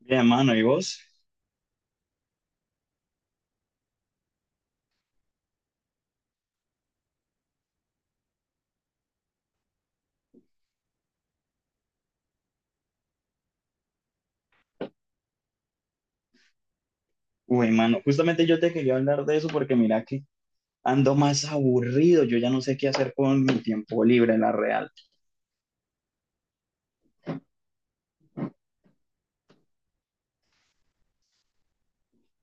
Bien, mano, ¿y vos? Uy, mano, justamente yo te quería hablar de eso porque mira que ando más aburrido, yo ya no sé qué hacer con mi tiempo libre, la real.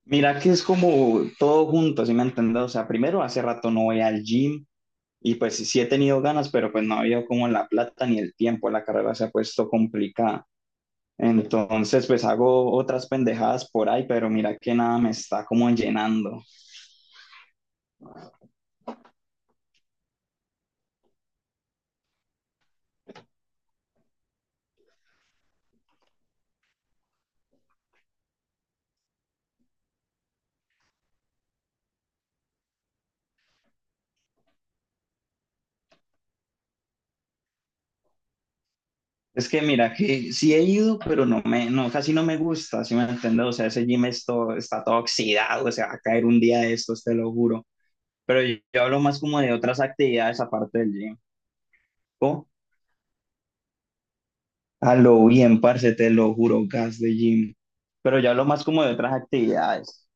Mira que es como todo junto, ¿sí me entiendes? O sea, primero hace rato no voy al gym y pues sí he tenido ganas, pero pues no había como la plata ni el tiempo, la carrera se ha puesto complicada. Entonces, pues hago otras pendejadas por ahí, pero mira que nada me está como llenando. Es que mira, que sí he ido, pero no me, no, casi no me gusta, ¿si me entiendes? O sea, ese gym esto está todo oxidado, o sea, va a caer un día de estos, te lo juro. Pero yo hablo más como de otras actividades aparte del gym. Oh, a lo bien, parce, te lo juro, gas de gym. Pero yo hablo más como de otras actividades.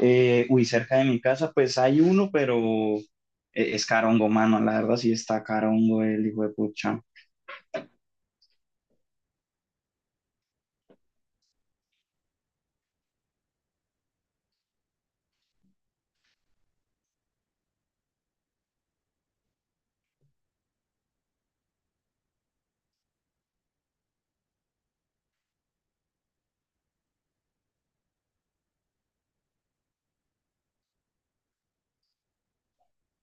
Uy, cerca de mi casa, pues hay uno, pero es carongo, mano, la verdad sí está carongo el hijo de pucha.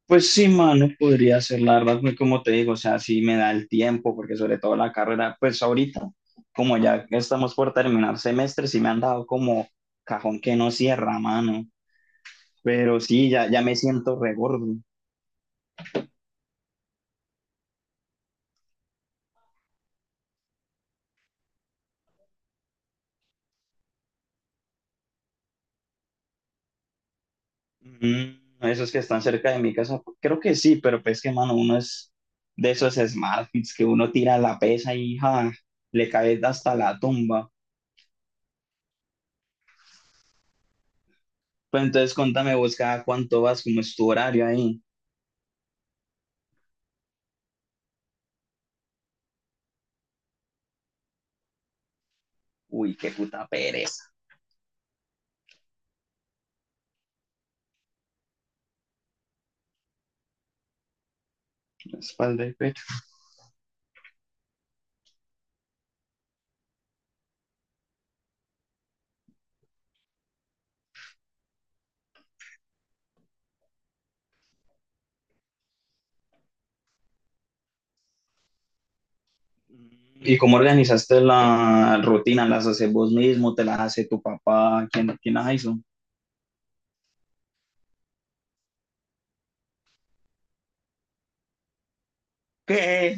Pues sí, mano, podría ser, la verdad, pues, como te digo, o sea, sí me da el tiempo, porque sobre todo la carrera, pues ahorita, como ya estamos por terminar semestre, sí me han dado como cajón que no cierra, mano, pero sí, ya me siento regordo. Esos que están cerca de mi casa, creo que sí, pero pues que, mano, uno es de esos smartphones que uno tira la pesa y ja, le cae hasta la tumba. Pues entonces cuéntame vos cada cuánto vas, cómo es tu horario ahí. Uy, qué puta pereza. La espalda y pecho. ¿Y cómo organizaste la rutina? ¿Las haces vos mismo? ¿Te las hace tu papá? ¿Quién las hizo? ¿Qué?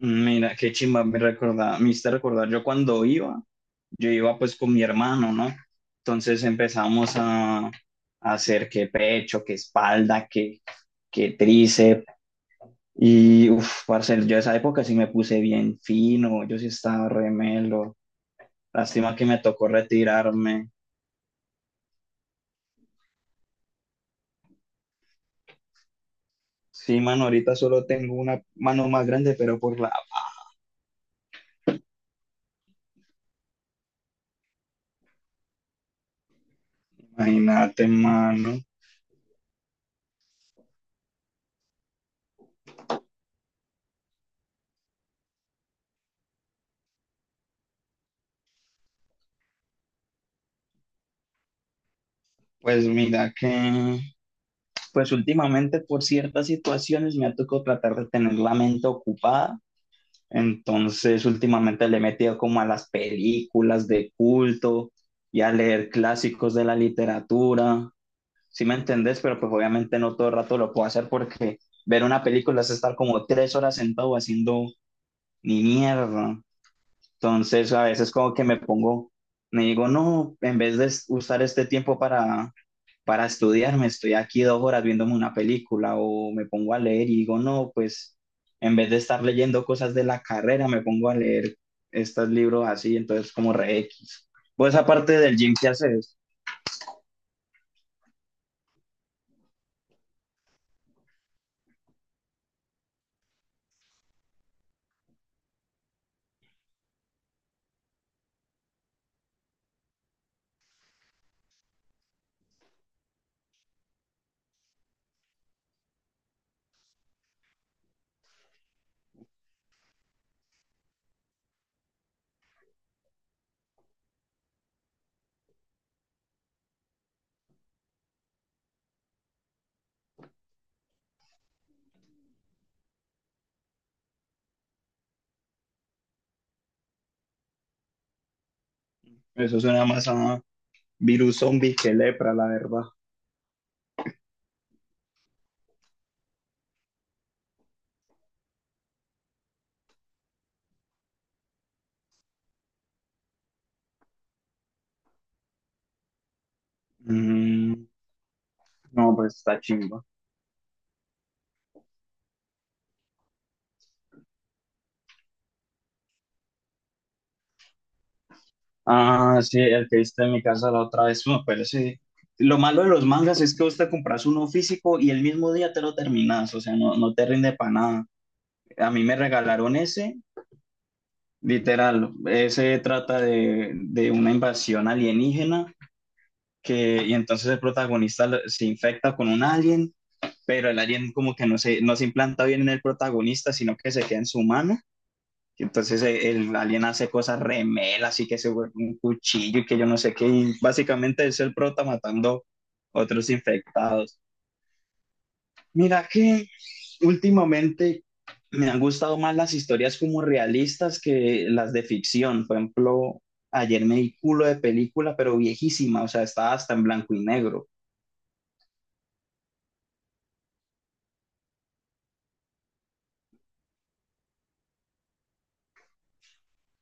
Mira, qué chimba, me hiciste recordar, yo cuando iba, yo iba pues con mi hermano, ¿no? Entonces empezamos a hacer que pecho, que espalda, que tríceps, y uff, parce, yo esa época sí me puse bien fino, yo sí estaba remelo, lástima que me tocó retirarme. Sí, mano, ahorita solo tengo una mano más grande, pero por la paja. Imagínate, mano. Pues mira que, pues últimamente por ciertas situaciones me ha tocado tratar de tener la mente ocupada. Entonces, últimamente le he metido como a las películas de culto y a leer clásicos de la literatura. ¿Sí me entendés? Pero pues obviamente no todo el rato lo puedo hacer porque ver una película es estar como tres horas sentado haciendo ni mierda. Entonces, a veces como que me pongo, me digo, no, en vez de usar este tiempo para estudiar, me estoy aquí dos horas viéndome una película o me pongo a leer y digo, no, pues en vez de estar leyendo cosas de la carrera, me pongo a leer estos libros así, entonces como re X. Pues aparte del gym, ¿qué haces? Eso suena más a virus zombie que lepra, la verdad. Mm, no, pues está chimba. Ah, sí, el que viste en mi casa la otra vez, bueno, pero sí. Lo malo de los mangas es que vos te compras uno físico y el mismo día te lo terminas, o sea, no te rinde para nada. A mí me regalaron ese, literal, ese trata de una invasión alienígena que, y entonces el protagonista se infecta con un alien, pero el alien como que no se implanta bien en el protagonista, sino que se queda en su mano. Y entonces el alien hace cosas remelas y que se vuelve un cuchillo y que yo no sé qué. Y básicamente es el prota matando otros infectados. Mira que últimamente me han gustado más las historias como realistas que las de ficción. Por ejemplo, ayer me di culo de película, pero viejísima, o sea, estaba hasta en blanco y negro.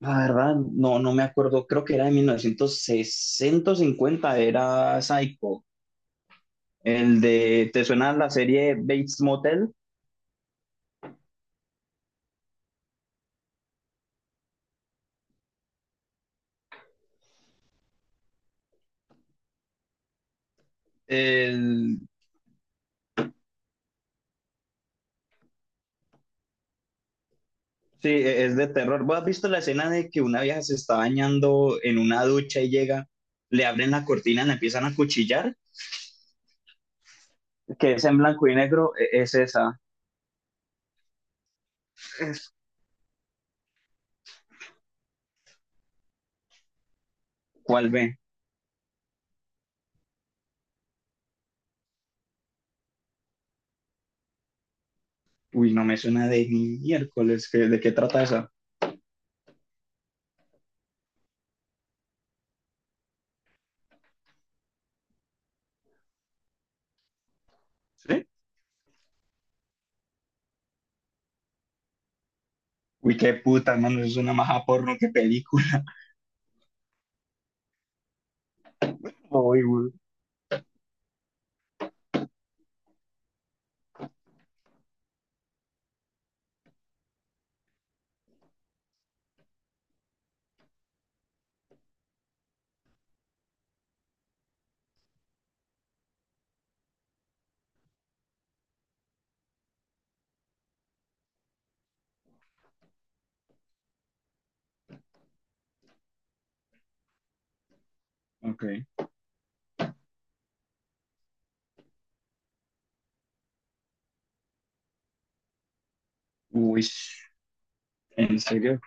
La verdad, no me acuerdo, creo que era de 1960 50 era Psycho. El de, ¿te suena la serie Bates Motel? El- sí, es de terror. ¿Vos has visto la escena de que una vieja se está bañando en una ducha y llega, le abren la cortina, la empiezan a cuchillar? Que es en blanco y negro, es esa. Es- ¿Cuál ve? Uy, no me suena de ni miércoles. ¿De qué trata esa? ¿Sí? Uy, qué puta, hermano, es una maja porno, qué película. Uy, güey. Ok. Uy, ¿en serio?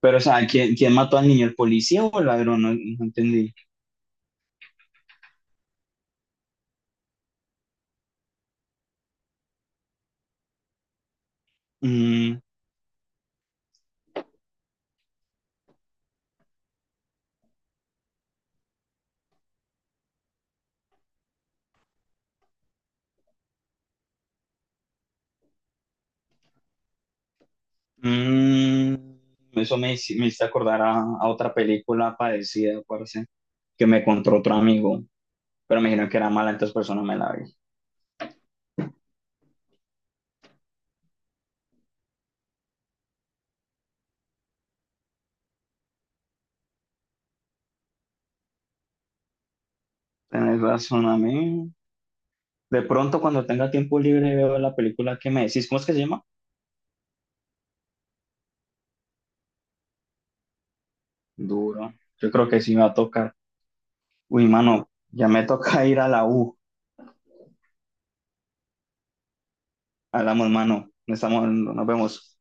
Pero, o sea, ¿quién mató al niño? ¿El policía o el ladrón? No, no entendí. Mm, Mm, Eso me hizo acordar a otra película parecida, parece, que me contó otro amigo, pero me dijeron que era mala, entonces persona me la vi. Tenés razón a mí. De pronto, cuando tenga tiempo libre, veo la película que me decís. ¿Cómo es que se llama? Duro. Yo creo que sí me va a tocar. Uy, mano, ya me toca ir a la U. Hablamos, mano. Estamos, nos vemos.